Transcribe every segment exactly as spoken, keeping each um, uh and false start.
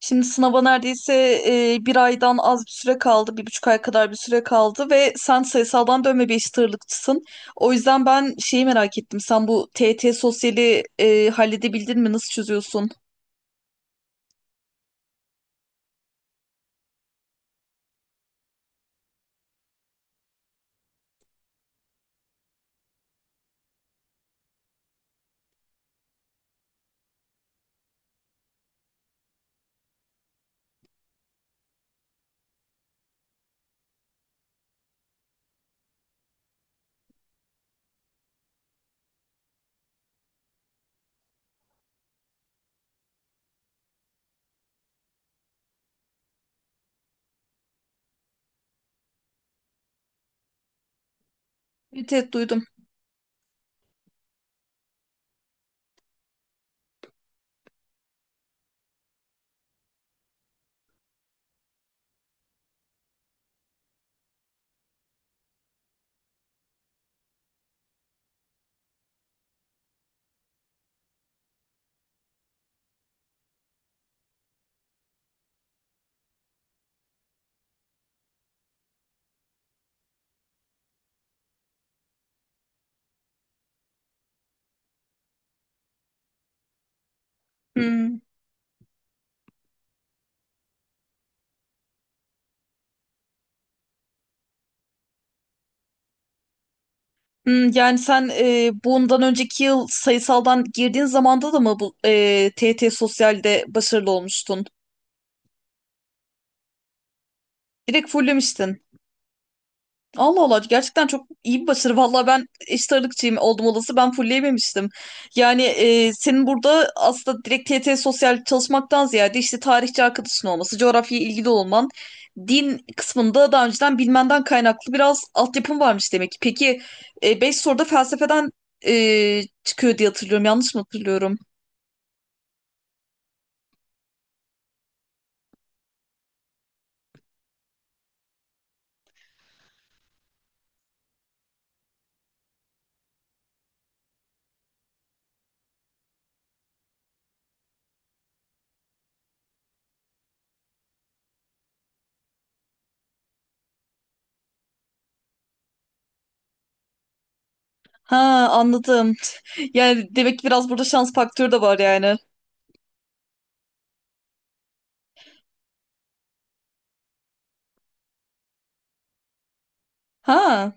Şimdi sınava neredeyse e, bir aydan az bir süre kaldı, bir buçuk ay kadar bir süre kaldı ve sen sayısaldan dönme bir eşit ağırlıkçısın. O yüzden ben şeyi merak ettim. Sen bu T Y T sosyali e, halledebildin mi? Nasıl çözüyorsun? Evet, evet, duydum. Hmm. Hmm, yani sen e, bundan önceki yıl sayısaldan girdiğin zamanda da mı bu e, T Y T sosyalde başarılı olmuştun? Direkt fullemiştin. Allah Allah, gerçekten çok iyi bir başarı. Valla ben eşit ağırlıkçıyım oldum olası, ben fullleyememiştim. Yani e, senin burada aslında direkt T Y T sosyal çalışmaktan ziyade işte tarihçi arkadaşın olması, coğrafyaya ilgili olman, din kısmında daha önceden bilmenden kaynaklı biraz altyapın varmış demek ki. Peki e, beş soruda felsefeden e, çıkıyor diye hatırlıyorum. Yanlış mı hatırlıyorum? Ha, anladım. Yani demek ki biraz burada şans faktörü de var yani. Ha.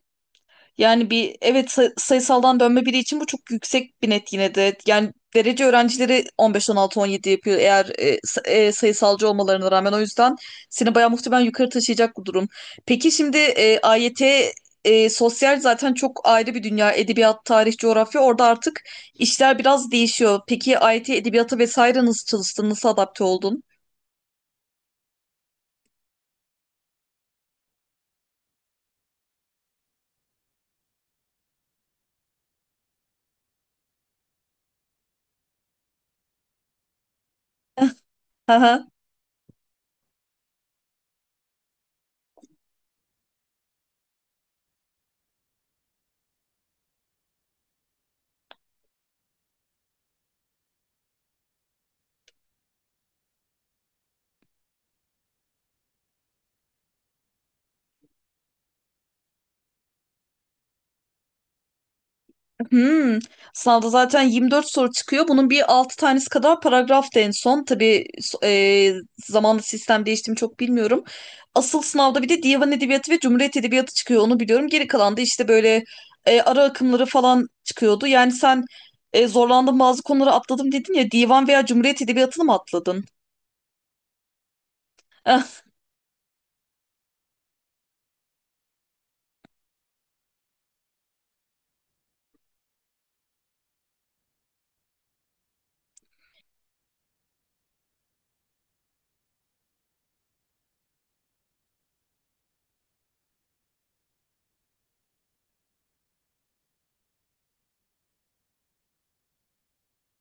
Yani bir evet, say- sayısaldan dönme biri için bu çok yüksek bir net yine de. Yani derece öğrencileri on beş, on altı, on yedi yapıyor eğer e, sa- e, sayısalcı olmalarına rağmen. O yüzden seni bayağı muhtemelen yukarı taşıyacak bu durum. Peki şimdi e, A Y T e, sosyal zaten çok ayrı bir dünya. Edebiyat, tarih, coğrafya orada artık işler biraz değişiyor. Peki A Y T edebiyata vesaire nasıl çalıştın? Nasıl adapte oldun? Aha. Hmm. Sınavda zaten yirmi dört soru çıkıyor. Bunun bir altı tanesi kadar paragraftı en son. Tabii, so- e, zamanla sistem değişti mi çok bilmiyorum. Asıl sınavda bir de divan edebiyatı ve cumhuriyet edebiyatı çıkıyor. Onu biliyorum. Geri kalan da işte böyle e, ara akımları falan çıkıyordu. Yani sen e, zorlandın, bazı konuları atladım dedin ya. Divan veya cumhuriyet edebiyatını mı atladın?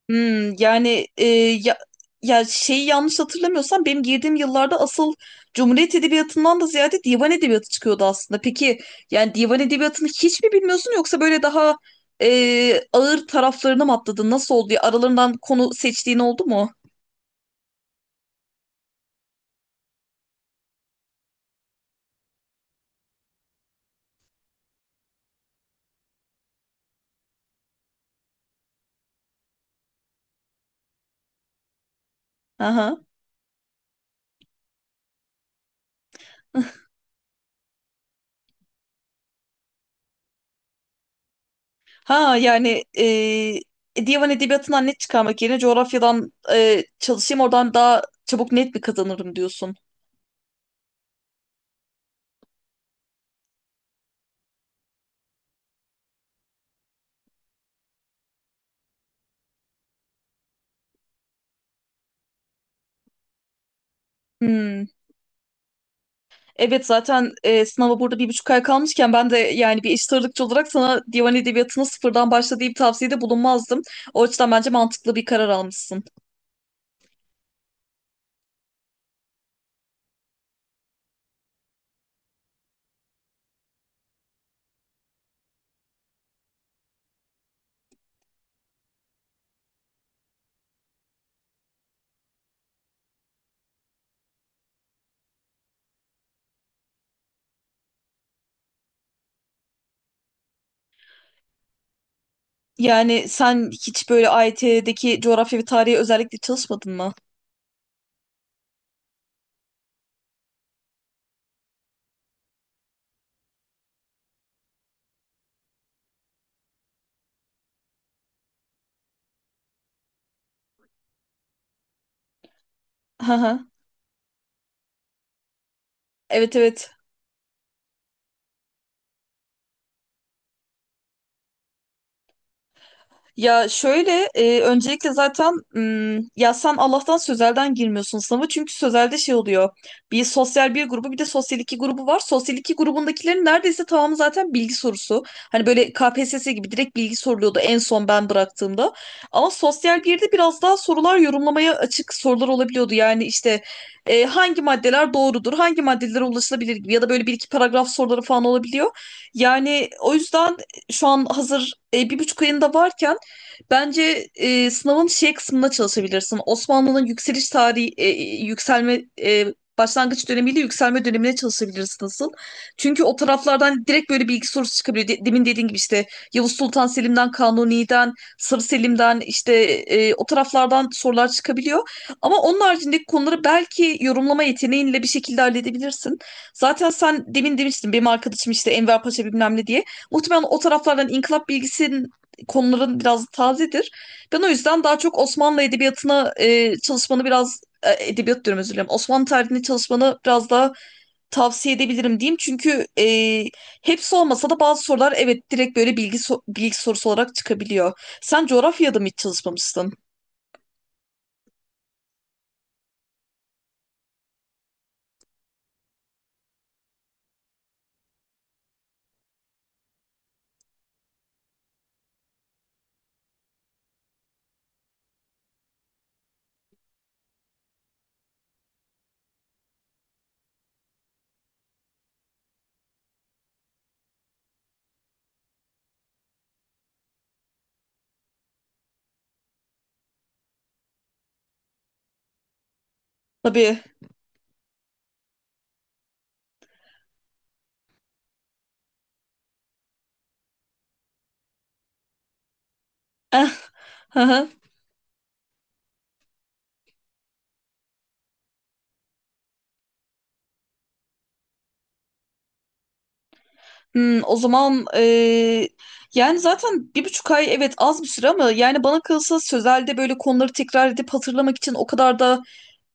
Hmm, yani e, ya, ya şeyi yanlış hatırlamıyorsam benim girdiğim yıllarda asıl Cumhuriyet Edebiyatı'ndan da ziyade divan edebiyatı çıkıyordu aslında. Peki yani divan edebiyatını hiç mi bilmiyorsun yoksa böyle daha e, ağır taraflarına mı atladın? Nasıl oldu ya? Aralarından konu seçtiğin oldu mu? Aha. Ha yani e, divan edebiyatından net çıkarmak yerine coğrafyadan e, çalışayım oradan daha çabuk net mi kazanırım diyorsun. Hmm. Evet, zaten e, sınava burada bir buçuk ay kalmışken ben de yani bir eşit ağırlıkçı olarak sana divan edebiyatına sıfırdan başla diye bir tavsiyede bulunmazdım. O açıdan bence mantıklı bir karar almışsın. Yani sen hiç böyle A Y T'deki coğrafya ve tarihe özellikle çalışmadın mı? Hı hı. Evet, evet. Ya şöyle, e, öncelikle zaten, m, ya sen Allah'tan sözelden girmiyorsun sınava, çünkü sözelde şey oluyor, bir sosyal bir grubu bir de sosyal iki grubu var, sosyal iki grubundakilerin neredeyse tamamı zaten bilgi sorusu, hani böyle K P S S gibi direkt bilgi soruluyordu en son ben bıraktığımda, ama sosyal birde biraz daha sorular yorumlamaya açık sorular olabiliyordu, yani işte e, hangi maddeler doğrudur, hangi maddelere ulaşılabilir gibi, ya da böyle bir iki paragraf soruları falan olabiliyor, yani o yüzden şu an hazır e, bir buçuk ayında varken. Bence e, sınavın şey kısmında çalışabilirsin. Osmanlı'nın yükseliş tarihi, e, yükselme, e, başlangıç dönemiyle yükselme dönemine çalışabilirsin, nasıl? Çünkü o taraflardan direkt böyle bilgi sorusu çıkabiliyor. De- demin dediğin gibi işte Yavuz Sultan Selim'den, Kanuni'den, Sarı Selim'den, işte e, o taraflardan sorular çıkabiliyor. Ama onun haricindeki konuları belki yorumlama yeteneğinle bir şekilde halledebilirsin. Zaten sen demin demiştin, benim arkadaşım işte Enver Paşa bilmem ne diye. Muhtemelen o taraflardan inkılap bilgisi konuların biraz tazedir. Ben o yüzden daha çok Osmanlı edebiyatına e, çalışmanı, biraz e, edebiyat diyorum, özür dilerim. Osmanlı tarihini çalışmanı biraz daha tavsiye edebilirim, diyeyim. Çünkü e, hepsi olmasa da bazı sorular, evet, direkt böyle bilgi so- bilgi sorusu olarak çıkabiliyor. Sen coğrafyada mı hiç çalışmamıştın? Tabii. Eh, hı hı. Hmm, o zaman eee, yani zaten bir buçuk ay, evet, az bir süre ama yani bana kalırsa sözelde böyle konuları tekrar edip hatırlamak için o kadar da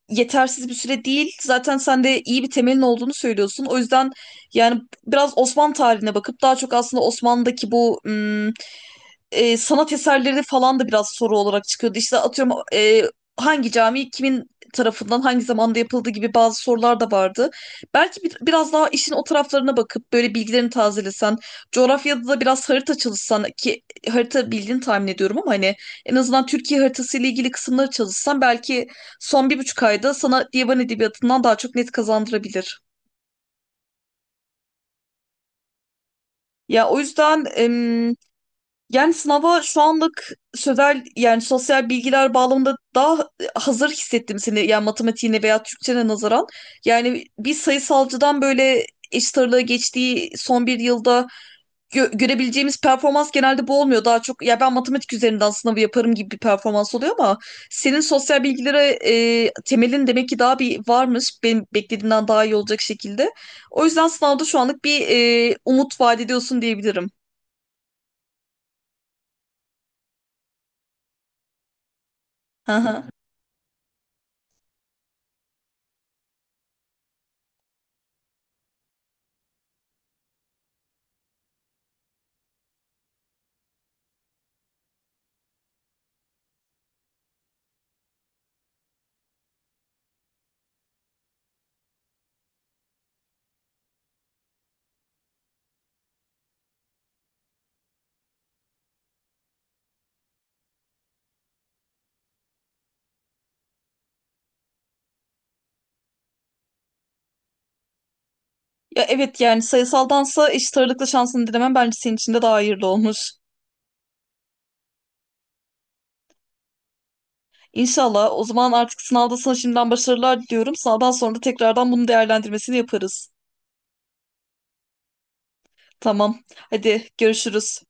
yetersiz bir süre değil. Zaten sen de iyi bir temelin olduğunu söylüyorsun. O yüzden yani biraz Osmanlı tarihine bakıp daha çok aslında Osmanlı'daki bu hmm, e, sanat eserleri falan da biraz soru olarak çıkıyordu. İşte atıyorum, e, hangi cami kimin tarafından hangi zamanda yapıldığı gibi bazı sorular da vardı. Belki bir- biraz daha işin o taraflarına bakıp böyle bilgilerini tazelesen, coğrafyada da biraz harita çalışsan, ki harita bildiğini tahmin ediyorum ama hani en azından Türkiye haritası ile ilgili kısımları çalışsan, belki son bir buçuk ayda sana divan edebiyatından daha çok net kazandırabilir. Ya o yüzden, em, Yani sınava şu anlık sözel yani sosyal bilgiler bağlamında daha hazır hissettim seni, yani matematiğine veya Türkçene nazaran. Yani bir sayısalcıdan böyle eşit ağırlığa geçtiği son bir yılda gö- görebileceğimiz performans genelde bu olmuyor. Daha çok ya ben matematik üzerinden sınavı yaparım gibi bir performans oluyor, ama senin sosyal bilgilere e, temelin demek ki daha bir varmış. Benim beklediğimden daha iyi olacak şekilde. O yüzden sınavda şu anlık bir e, umut vaat ediyorsun diyebilirim. Hı. Ya, evet, yani sayısaldansa eşit ağırlıklı şansını denemen bence senin için de daha hayırlı olmuş. İnşallah. O zaman artık sınavda sana şimdiden başarılar diliyorum. Sınavdan sonra da tekrardan bunu değerlendirmesini yaparız. Tamam. Hadi, görüşürüz.